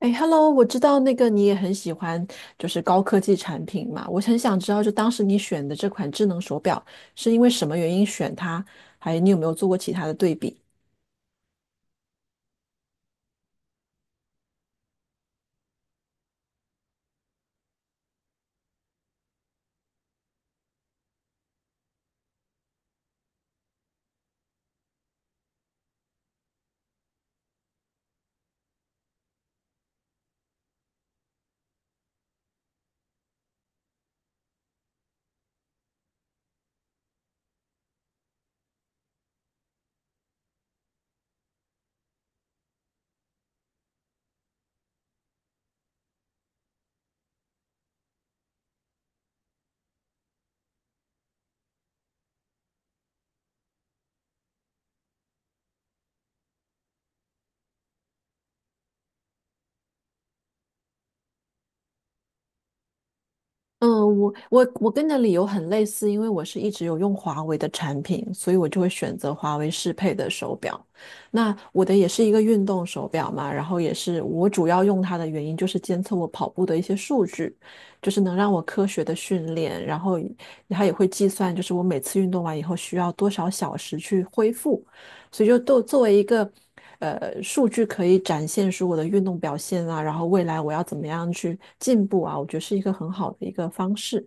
哎，Hello，我知道那个你也很喜欢，就是高科技产品嘛。我很想知道，就当时你选的这款智能手表是因为什么原因选它，还你有没有做过其他的对比？嗯，我跟你的理由很类似，因为我是一直有用华为的产品，所以我就会选择华为适配的手表。那我的也是一个运动手表嘛，然后也是我主要用它的原因就是监测我跑步的一些数据，就是能让我科学的训练，然后它也会计算就是我每次运动完以后需要多少小时去恢复，所以就都作为一个数据可以展现出我的运动表现啊，然后未来我要怎么样去进步啊，我觉得是一个很好的一个方式。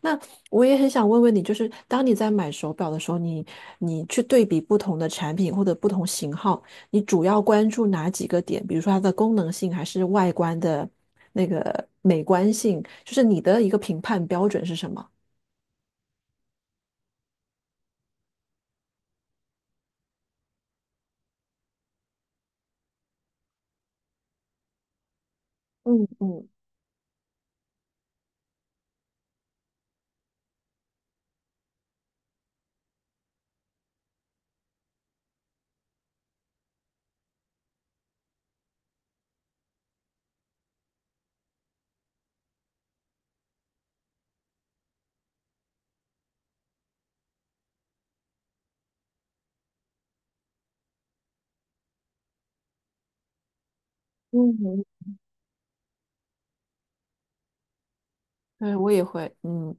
那我也很想问问你，就是当你在买手表的时候，你去对比不同的产品或者不同型号，你主要关注哪几个点？比如说它的功能性，还是外观的那个美观性？就是你的一个评判标准是什么？嗯嗯嗯，对，我也会，嗯。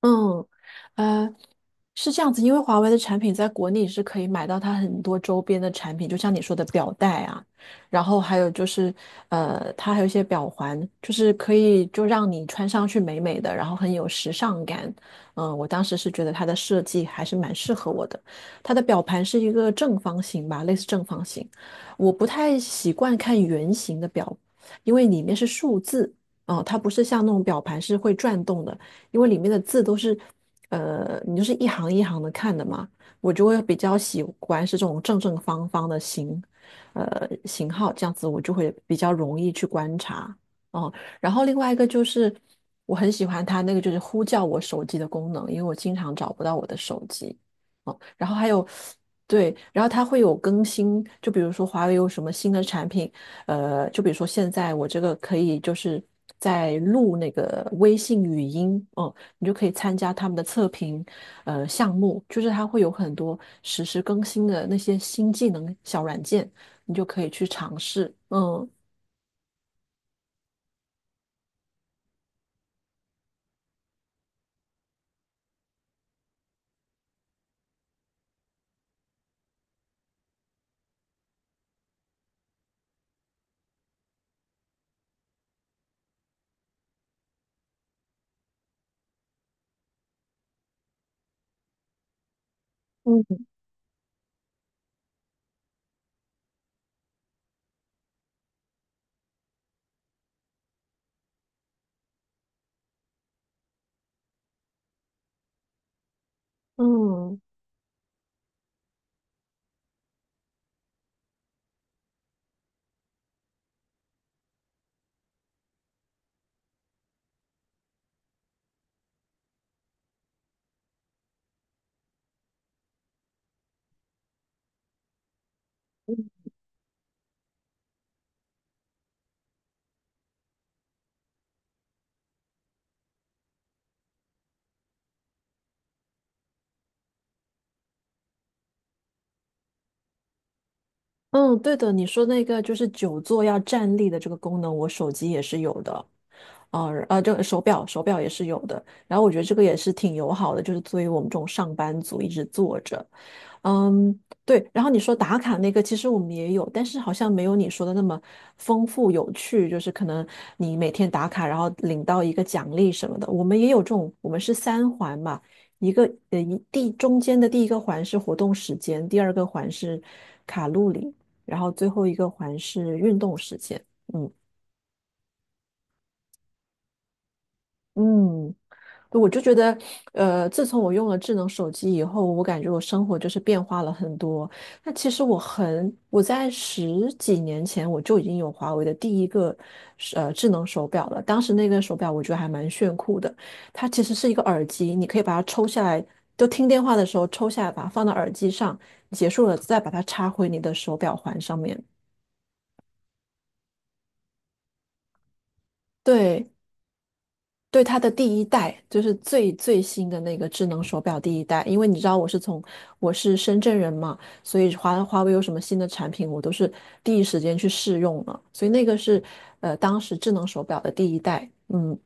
嗯，呃，是这样子，因为华为的产品在国内是可以买到它很多周边的产品，就像你说的表带啊，然后还有就是，它还有一些表环，就是可以就让你穿上去美美的，然后很有时尚感。嗯，我当时是觉得它的设计还是蛮适合我的。它的表盘是一个正方形吧，类似正方形，我不太习惯看圆形的表，因为里面是数字。哦，它不是像那种表盘是会转动的，因为里面的字都是，你就是一行一行的看的嘛，我就会比较喜欢是这种正正方方的型号，这样子我就会比较容易去观察。哦，然后另外一个就是我很喜欢它那个就是呼叫我手机的功能，因为我经常找不到我的手机。哦，然后还有，对，然后它会有更新，就比如说华为有什么新的产品，就比如说现在我这个可以就是在录那个微信语音，哦、你就可以参加他们的测评，项目，就是它会有很多实时更新的那些新技能小软件，你就可以去尝试。嗯嗯，嗯嗯，对的，你说那个就是久坐要站立的这个功能，我手机也是有的。啊啊，这个手表也是有的，然后我觉得这个也是挺友好的，就是作为我们这种上班族一直坐着。嗯，对。然后你说打卡那个，其实我们也有，但是好像没有你说的那么丰富有趣。就是可能你每天打卡，然后领到一个奖励什么的。我们也有这种，我们是三环嘛，一个呃一第中间的第一个环是活动时间，第二个环是卡路里，然后最后一个环是运动时间。嗯嗯，我就觉得，自从我用了智能手机以后，我感觉我生活就是变化了很多。那其实我在十几年前我就已经有华为的第一个智能手表了。当时那个手表我觉得还蛮炫酷的，它其实是一个耳机，你可以把它抽下来，就听电话的时候抽下来，把它放到耳机上，结束了再把它插回你的手表环上面。对，对它的第一代，就是最新的那个智能手表第一代，因为你知道我是深圳人嘛，所以华为有什么新的产品，我都是第一时间去试用了，所以那个是当时智能手表的第一代，嗯。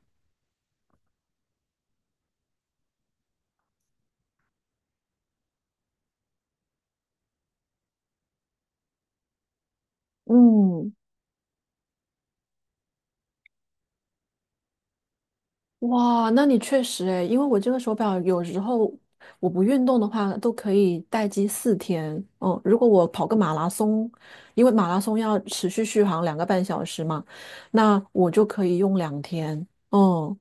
嗯，哇，那你确实诶，因为我这个手表有时候我不运动的话都可以待机4天。嗯，如果我跑个马拉松，因为马拉松要持续续航2个半小时嘛，那我就可以用2天。嗯，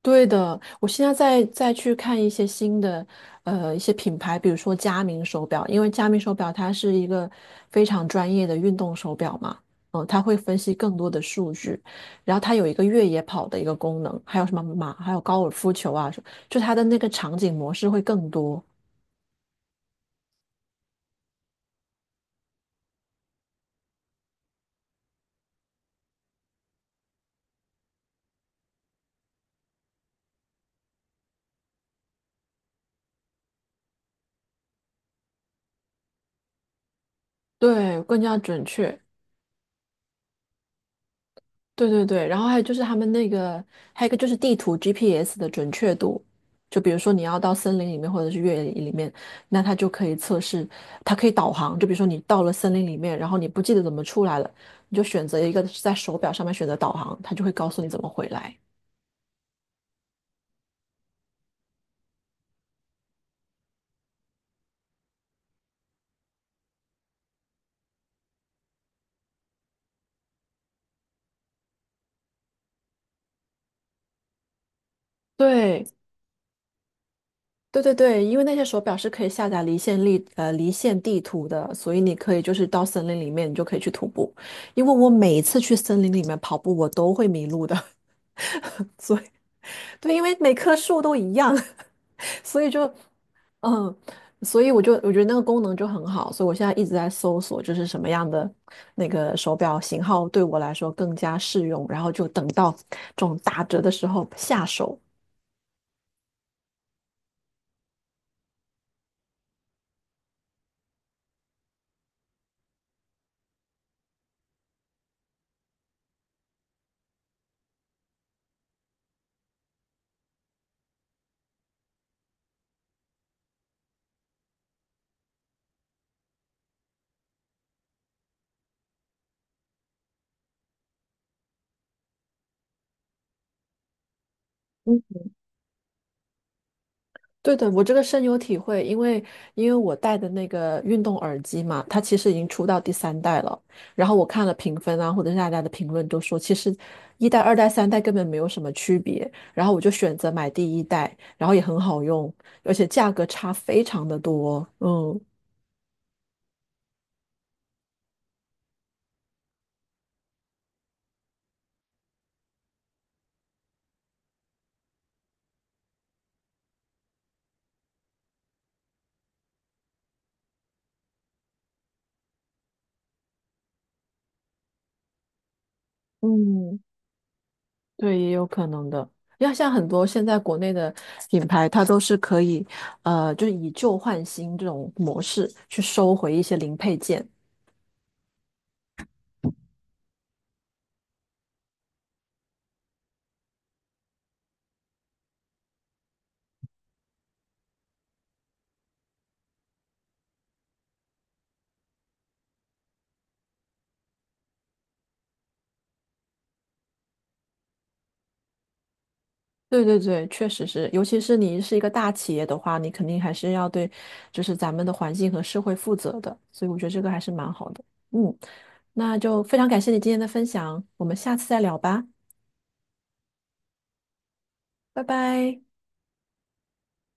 对的，我现在再去看一些新的，一些品牌，比如说佳明手表，因为佳明手表它是一个非常专业的运动手表嘛，嗯、它会分析更多的数据，然后它有一个越野跑的一个功能，还有什么马，还有高尔夫球啊，就它的那个场景模式会更多，对，更加准确。对对对，然后还有就是他们那个，还有一个就是地图 GPS 的准确度，就比如说你要到森林里面或者是越野里面，那它就可以测试，它可以导航。就比如说你到了森林里面，然后你不记得怎么出来了，你就选择一个在手表上面选择导航，它就会告诉你怎么回来。对对对对，因为那些手表是可以下载离线地图的，所以你可以就是到森林里面，你就可以去徒步。因为我每一次去森林里面跑步，我都会迷路的，对，因为每棵树都一样，所以就嗯，所以我觉得那个功能就很好，所以我现在一直在搜索，就是什么样的那个手表型号对我来说更加适用，然后就等到这种打折的时候下手。对的，我这个深有体会，因为我戴的那个运动耳机嘛，它其实已经出到第三代了。然后我看了评分啊，或者是大家的评论都说，其实一代、二代、三代根本没有什么区别。然后我就选择买第一代，然后也很好用，而且价格差非常的多。嗯嗯，对，也有可能的。要像很多现在国内的品牌，它都是可以，就是以旧换新这种模式去收回一些零配件。对对对，确实是，尤其是你是一个大企业的话，你肯定还是要对，就是咱们的环境和社会负责的，所以我觉得这个还是蛮好的。嗯，那就非常感谢你今天的分享，我们下次再聊吧，拜拜。